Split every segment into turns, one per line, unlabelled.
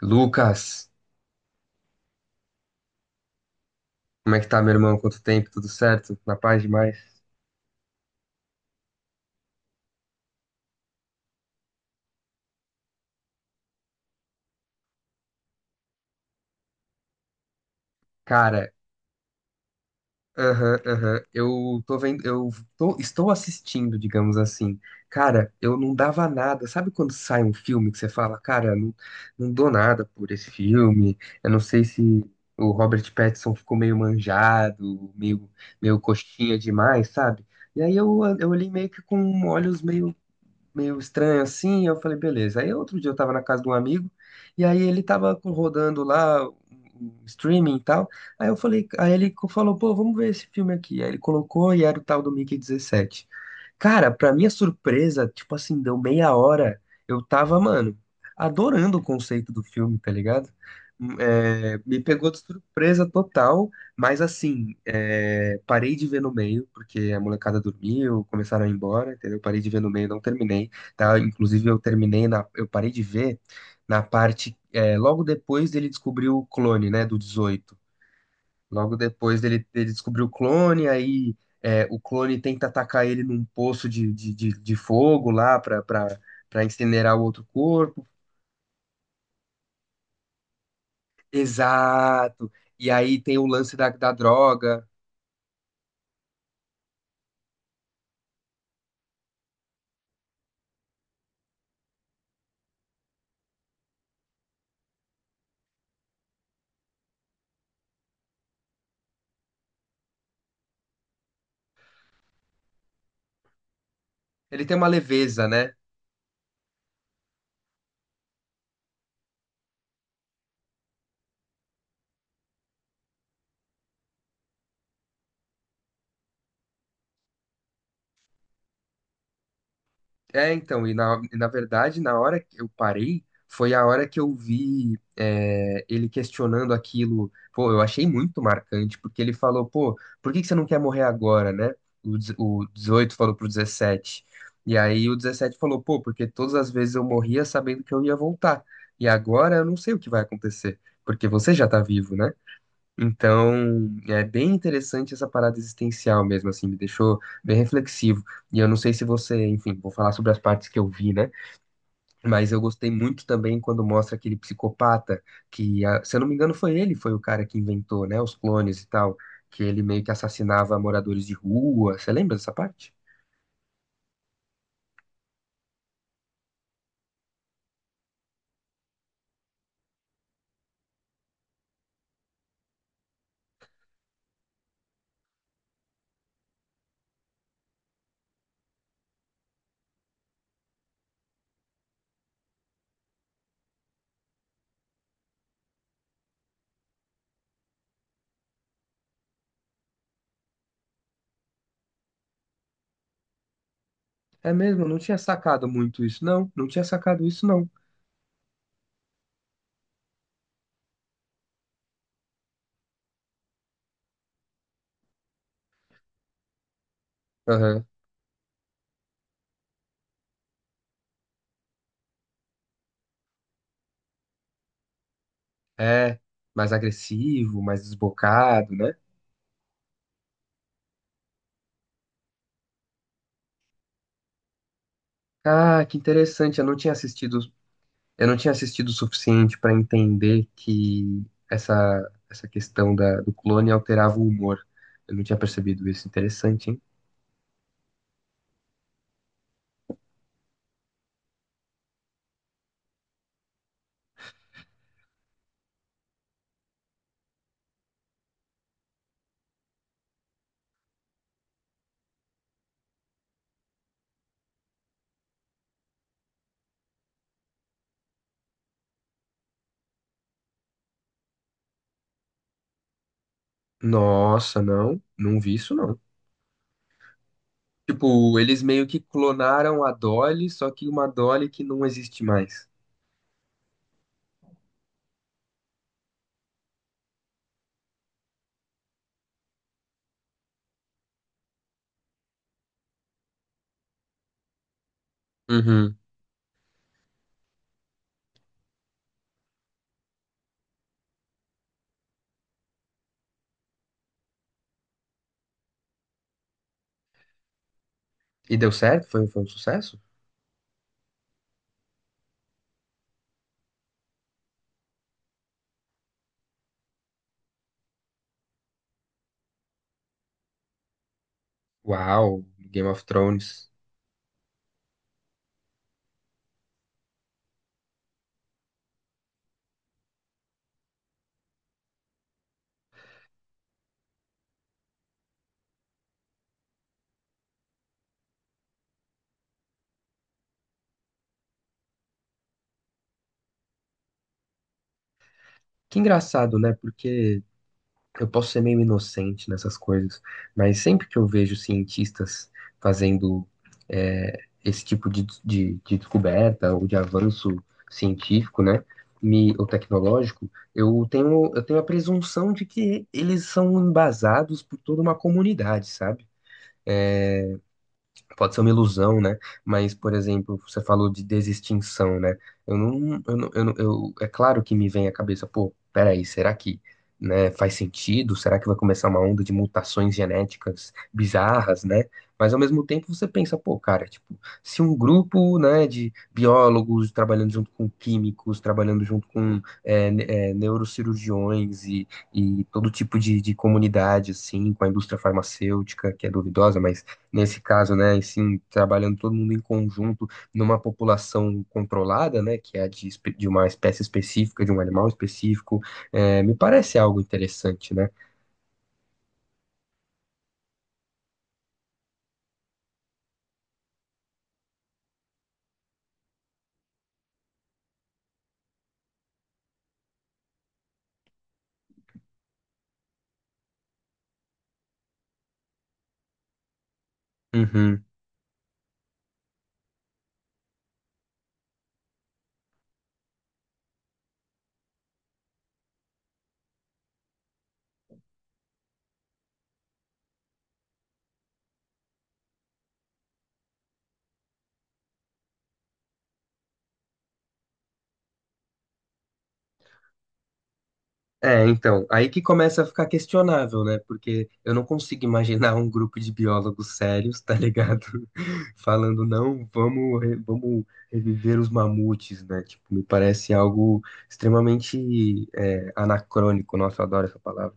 Lucas, como é que tá, meu irmão? Quanto tempo? Tudo certo? Na paz demais? Cara, aham, aham. Eu tô vendo, estou assistindo, digamos assim. Cara, eu não dava nada. Sabe quando sai um filme que você fala, cara, não, não dou nada por esse filme. Eu não sei se o Robert Pattinson ficou meio manjado, meio coxinha demais, sabe? E aí eu olhei meio que com olhos meio estranho assim. Eu falei, beleza. Aí outro dia eu tava na casa de um amigo e aí ele rodando lá um streaming e tal. Aí eu falei, aí ele falou, pô, vamos ver esse filme aqui. Aí ele colocou e era o tal do Mickey dezessete. Cara, pra minha surpresa, tipo assim, deu meia hora. Eu tava, mano, adorando o conceito do filme, tá ligado? É, me pegou de surpresa total, mas assim, é, parei de ver no meio, porque a molecada dormiu, começaram a ir embora, entendeu? Parei de ver no meio, não terminei, tá? Inclusive eu eu parei de ver na parte, é, logo depois dele descobrir o clone, né, do 18. Logo depois dele descobrir o clone, aí é, o clone tenta atacar ele num poço de fogo lá pra incinerar o outro corpo. Exato! E aí tem o lance da, da droga. Ele tem uma leveza, né? É, então, e na verdade, na hora que eu parei, foi a hora que eu vi é, ele questionando aquilo. Pô, eu achei muito marcante, porque ele falou, pô, por que que você não quer morrer agora, né? O 18 falou pro 17. E aí o 17 falou, pô, porque todas as vezes eu morria sabendo que eu ia voltar. E agora eu não sei o que vai acontecer, porque você já tá vivo, né? Então, é bem interessante essa parada existencial mesmo, assim, me deixou bem reflexivo. E eu não sei se você, enfim, vou falar sobre as partes que eu vi, né? Mas eu gostei muito também quando mostra aquele psicopata que, ah, se eu não me engano, foi ele, foi o cara que inventou, né, os clones e tal, que ele meio que assassinava moradores de rua. Você lembra dessa parte? É mesmo, eu não tinha sacado muito isso, não. Não tinha sacado isso, não. Aham. É, mais agressivo, mais desbocado, né? Ah, que interessante. Eu não tinha assistido. Eu não tinha assistido o suficiente para entender que essa, essa questão da, do clone alterava o humor. Eu não tinha percebido isso. Interessante, hein? Nossa, não. Não vi isso, não. Tipo, eles meio que clonaram a Dolly, só que uma Dolly que não existe mais. Uhum. E deu certo? Foi, foi um sucesso? Uau, Game of Thrones. Que engraçado, né? Porque eu posso ser meio inocente nessas coisas, mas sempre que eu vejo cientistas fazendo é, esse tipo de descoberta ou de avanço científico, né, me, ou tecnológico, eu tenho a presunção de que eles são embasados por toda uma comunidade, sabe? Pode ser uma ilusão, né? Mas, por exemplo, você falou de desextinção, né? Eu não, eu não, eu não- eu- É claro que me vem à cabeça, pô, peraí, será que, né, faz sentido? Será que vai começar uma onda de mutações genéticas bizarras, né? Mas ao mesmo tempo você pensa, pô, cara, tipo, se um grupo, né, de biólogos trabalhando junto com químicos, trabalhando junto com neurocirurgiões e todo tipo de comunidade, assim, com a indústria farmacêutica, que é duvidosa, mas nesse caso, né, e sim trabalhando todo mundo em conjunto numa população controlada, né, que é a de, de uma espécie específica, de um animal específico, é, me parece algo interessante, né? Uhum. É, então, aí que começa a ficar questionável, né? Porque eu não consigo imaginar um grupo de biólogos sérios, tá ligado? Falando, não, vamos reviver os mamutes, né? Tipo, me parece algo extremamente, é, anacrônico. Nossa, eu adoro essa palavra.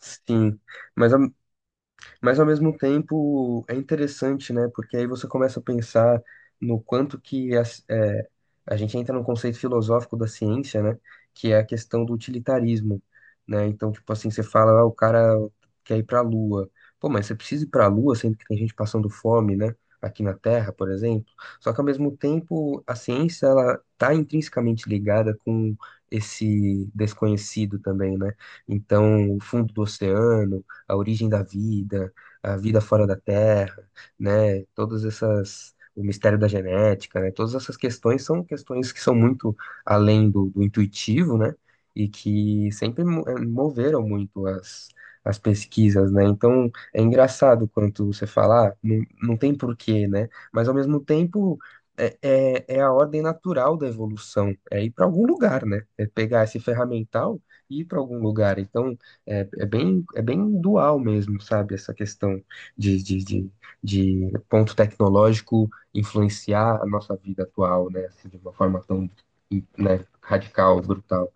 Sim, mas ao mas ao mesmo tempo é interessante, né? Porque aí você começa a pensar no quanto que é, a gente entra no conceito filosófico da ciência, né? Que é a questão do utilitarismo, né? Então, tipo assim, você fala, ah, o cara quer ir pra Lua. Pô, mas você precisa ir pra Lua sendo que tem gente passando fome, né? Aqui na Terra, por exemplo. Só que ao mesmo tempo, a ciência, ela tá intrinsecamente ligada com esse desconhecido também, né? Então, o fundo do oceano, a origem da vida, a vida fora da Terra, né? Todas essas, o mistério da genética, né? Todas essas questões são questões que são muito além do, do intuitivo, né? E que sempre moveram muito as, as pesquisas, né? Então é engraçado quando você fala, ah, não, não tem porquê, né? Mas ao mesmo tempo é a ordem natural da evolução, é ir para algum lugar, né? É pegar esse ferramental e ir para algum lugar. Então é, é bem dual mesmo, sabe? Essa questão de, de, de, de ponto tecnológico influenciar a nossa vida atual, né? Assim, de uma forma tão, né, radical, brutal.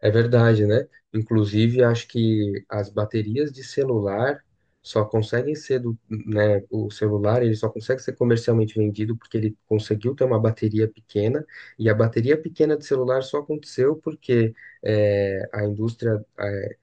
É verdade, né? Inclusive, acho que as baterias de celular só conseguem ser do, né, o celular, ele só consegue ser comercialmente vendido porque ele conseguiu ter uma bateria pequena, e a bateria pequena de celular só aconteceu porque é, a indústria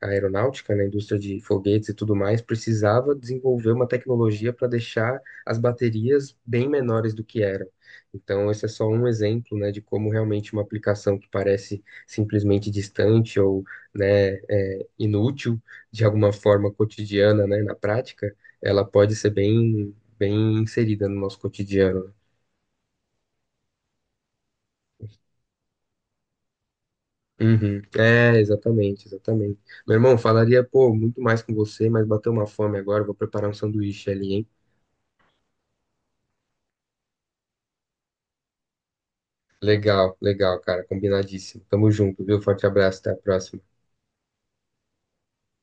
a- aeronáutica, né, a indústria de foguetes e tudo mais, precisava desenvolver uma tecnologia para deixar as baterias bem menores do que eram. Então, esse é só um exemplo, né, de como realmente uma aplicação que parece simplesmente distante ou né, é, inútil de alguma forma cotidiana, né, na prática, ela pode ser bem, bem inserida no nosso cotidiano. Uhum. É, exatamente, exatamente. Meu irmão, falaria, pô, muito mais com você, mas bateu uma fome agora, vou preparar um sanduíche ali, hein? Legal, legal, cara, combinadíssimo. Tamo junto, viu? Forte abraço, até a próxima.